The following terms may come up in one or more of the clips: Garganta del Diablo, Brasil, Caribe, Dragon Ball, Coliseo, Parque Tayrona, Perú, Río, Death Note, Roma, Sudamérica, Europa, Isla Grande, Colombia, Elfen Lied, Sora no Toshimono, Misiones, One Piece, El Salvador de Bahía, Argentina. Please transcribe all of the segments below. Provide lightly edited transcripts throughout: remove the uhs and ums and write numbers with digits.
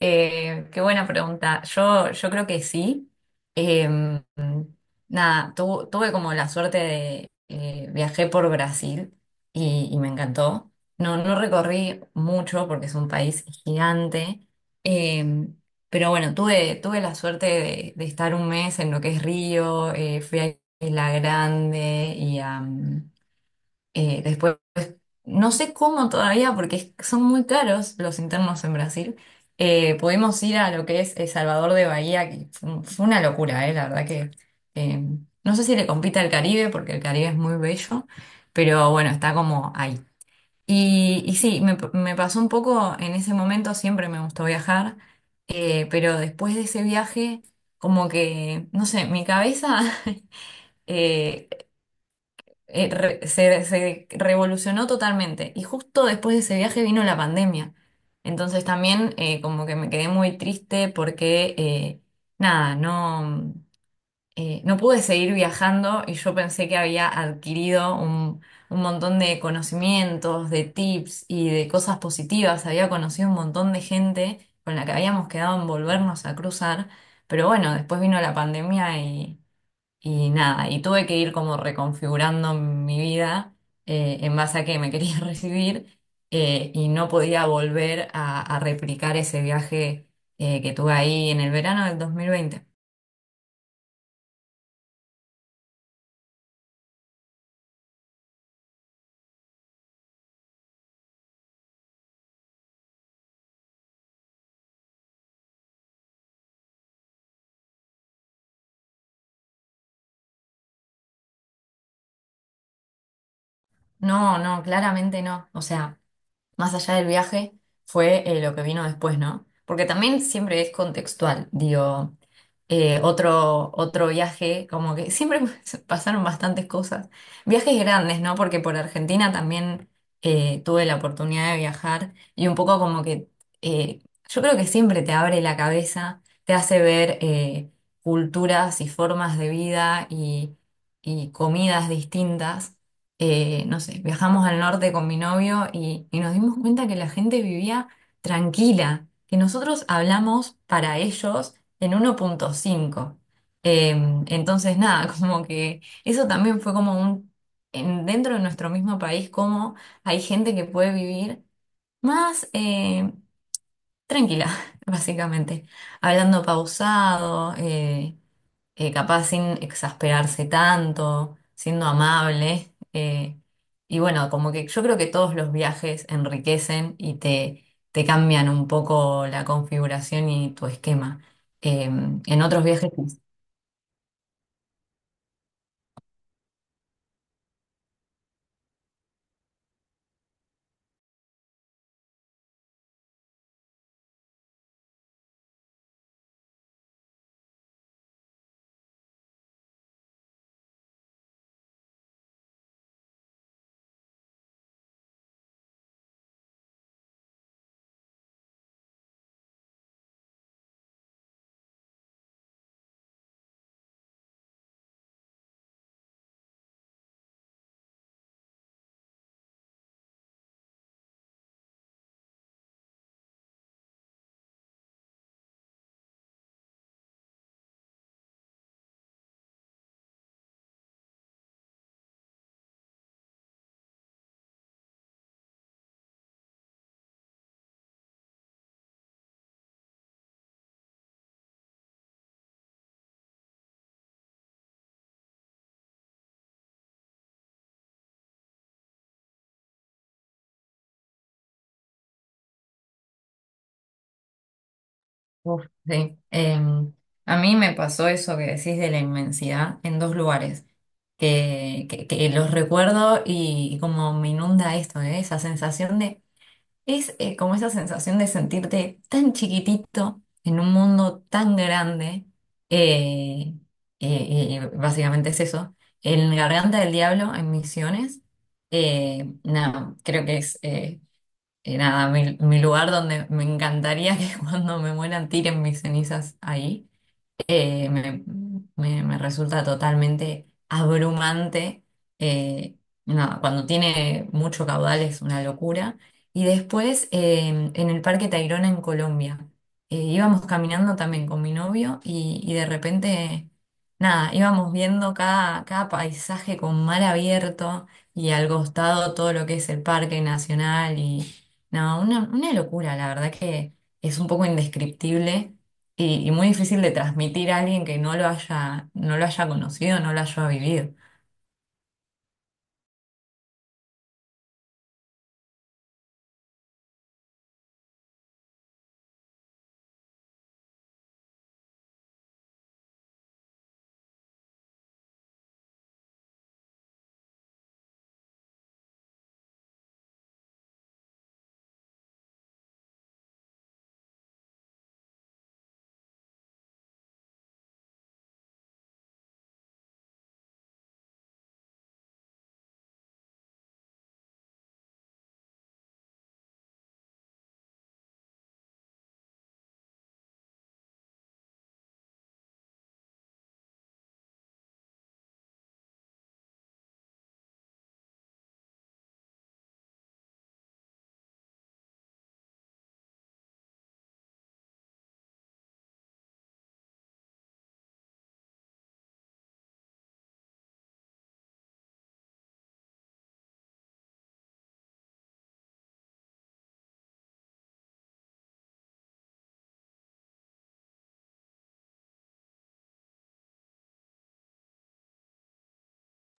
Qué buena pregunta. Yo creo que sí. Eh, Nada, tuve como la suerte de viajé por Brasil y me encantó. No, no recorrí mucho porque es un país gigante. Eh, pero bueno, tuve la suerte de estar un mes en lo que es Río. Fui a Isla Grande y a después, no sé cómo todavía, porque son muy caros los internos en Brasil. Pudimos ir a lo que es El Salvador de Bahía, que fue, fue una locura, la verdad que eh, no sé si le compite al Caribe, porque el Caribe es muy bello, pero bueno, está como ahí. Y sí, me pasó un poco en ese momento, siempre me gustó viajar, pero después de ese viaje, como que, no sé, mi cabeza eh, se revolucionó totalmente. Y justo después de ese viaje vino la pandemia. Entonces también como que me quedé muy triste porque nada, no, no pude seguir viajando y yo pensé que había adquirido un montón de conocimientos, de tips y de cosas positivas. Había conocido un montón de gente con la que habíamos quedado en volvernos a cruzar. Pero bueno, después vino la pandemia y nada, y tuve que ir como reconfigurando mi vida en base a que me quería recibir y no podía volver a replicar ese viaje que tuve ahí en el verano del 2020. No, no, claramente no. O sea. Más allá del viaje, fue lo que vino después, ¿no? Porque también siempre es contextual, digo, otro viaje, como que siempre pasaron bastantes cosas. Viajes grandes, ¿no? Porque por Argentina también tuve la oportunidad de viajar y un poco como que eh, yo creo que siempre te abre la cabeza, te hace ver culturas y formas de vida y comidas distintas no sé, viajamos al norte con mi novio y nos dimos cuenta que la gente vivía tranquila, que nosotros hablamos para ellos en 1.5. Eh, entonces, nada, como que eso también fue como dentro de nuestro mismo país, como hay gente que puede vivir más tranquila, básicamente, hablando pausado. Capaz sin exasperarse tanto, siendo amable. Y bueno, como que yo creo que todos los viajes enriquecen y te cambian un poco la configuración y tu esquema. Eh, en otros viajes, uf, sí. A mí me pasó eso que decís de la inmensidad en dos lugares. Que los recuerdo y, como me inunda esto, esa sensación de, es, como esa sensación de sentirte tan chiquitito en un mundo tan grande. eh, Básicamente es eso. En Garganta del Diablo, en Misiones, nada, creo que es nada, mi lugar donde me encantaría que cuando me mueran tiren mis cenizas ahí. eh, me, me resulta totalmente abrumante. eh, no, cuando tiene mucho caudal es una locura. Y después en el Parque Tayrona en Colombia, íbamos caminando también con mi novio y de repente, nada, íbamos viendo cada paisaje con mar abierto y al costado todo lo que es el Parque Nacional y no, una locura, la verdad que es un poco indescriptible y muy difícil de transmitir a alguien que no lo haya, no lo haya conocido, no lo haya vivido.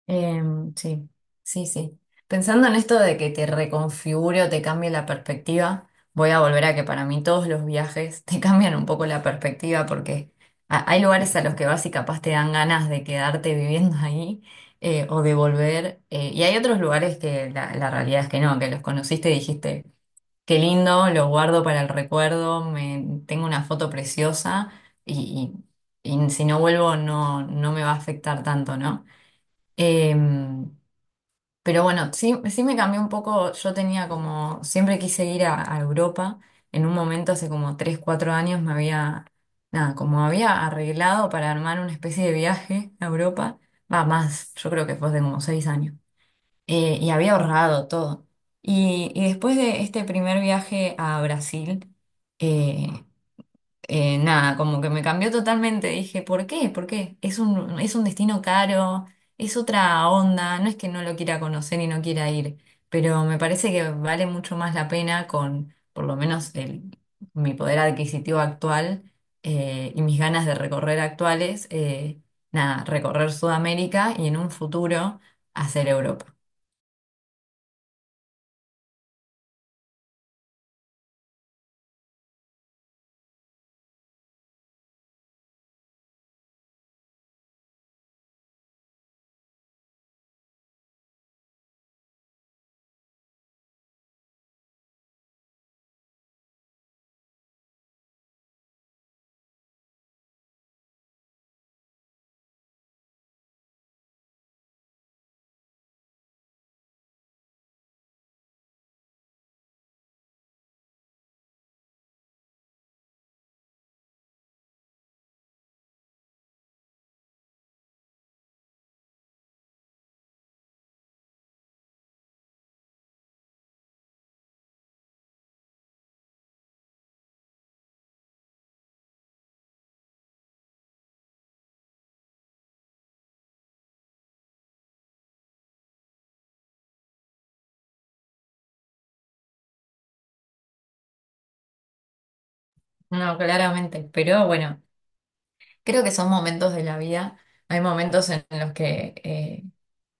Eh, sí, sí, sí. Pensando en esto de que te reconfigure o te cambie la perspectiva, voy a volver a que para mí todos los viajes te cambian un poco la perspectiva porque hay lugares a los que vas y capaz te dan ganas de quedarte viviendo ahí o de volver. Y hay otros lugares que la realidad es que no, que los conociste y dijiste. Qué lindo, lo guardo para el recuerdo, tengo una foto preciosa y, y si no vuelvo no, no me va a afectar tanto, ¿no? Em, pero bueno, sí, sí me cambió un poco, yo tenía como, siempre quise ir a Europa, en un momento hace como 3 4 años me había, nada, como había arreglado para armar una especie de viaje a Europa, va más, yo creo que fue hace como 6 años y había ahorrado todo. Y después de este primer viaje a Brasil, eh, nada, como que me cambió totalmente. Dije, ¿por qué? ¿Por qué? Es un destino caro, es otra onda, no es que no lo quiera conocer y no quiera ir, pero me parece que vale mucho más la pena con, por lo menos, el, mi poder adquisitivo actual. Y mis ganas de recorrer actuales, nada, recorrer Sudamérica y en un futuro hacer Europa. No, claramente, pero bueno, creo que son momentos de la vida. Hay momentos en los que eh,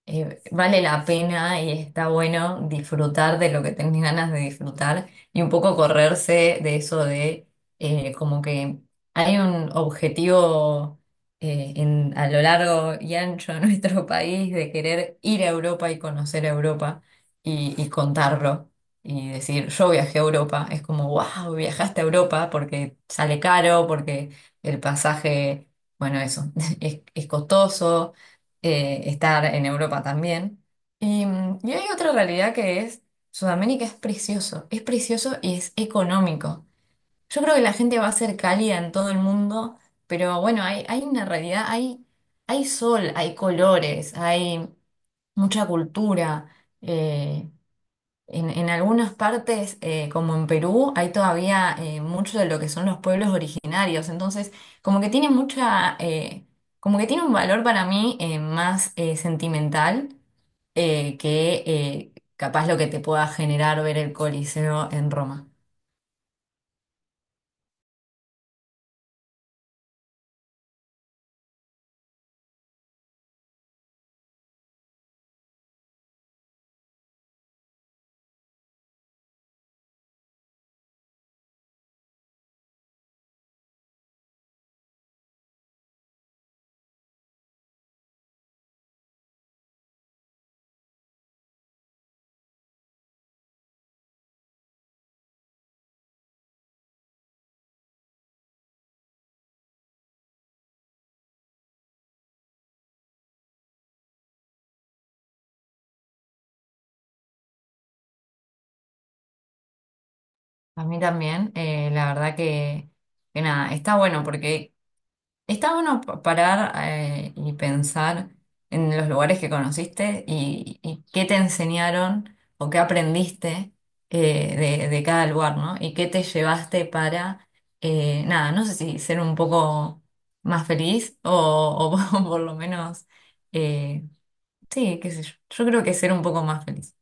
eh, vale la pena y está bueno disfrutar de lo que tenés ganas de disfrutar y un poco correrse de eso de como que hay un objetivo a lo largo y ancho de nuestro país de querer ir a Europa y conocer a Europa y contarlo y decir yo viajé a Europa. Es como, wow, viajaste a Europa porque sale caro, porque el pasaje, bueno, eso, es costoso estar en Europa también. Y hay otra realidad que es, Sudamérica es precioso y es económico. Yo creo que la gente va a ser cálida en todo el mundo, pero bueno, hay una realidad, hay sol, hay colores, hay mucha cultura. eh, en algunas partes, como en Perú, hay todavía mucho de lo que son los pueblos originarios. Entonces, como que tiene mucha, como que tiene un valor para mí más sentimental que capaz lo que te pueda generar ver el Coliseo en Roma. A mí también, la verdad que, nada, está bueno porque está bueno parar y pensar en los lugares que conociste y qué te enseñaron o qué aprendiste de cada lugar, ¿no? Y qué te llevaste para, nada, no sé si ser un poco más feliz o por lo menos, eh, sí, qué sé yo. Yo creo que ser un poco más feliz.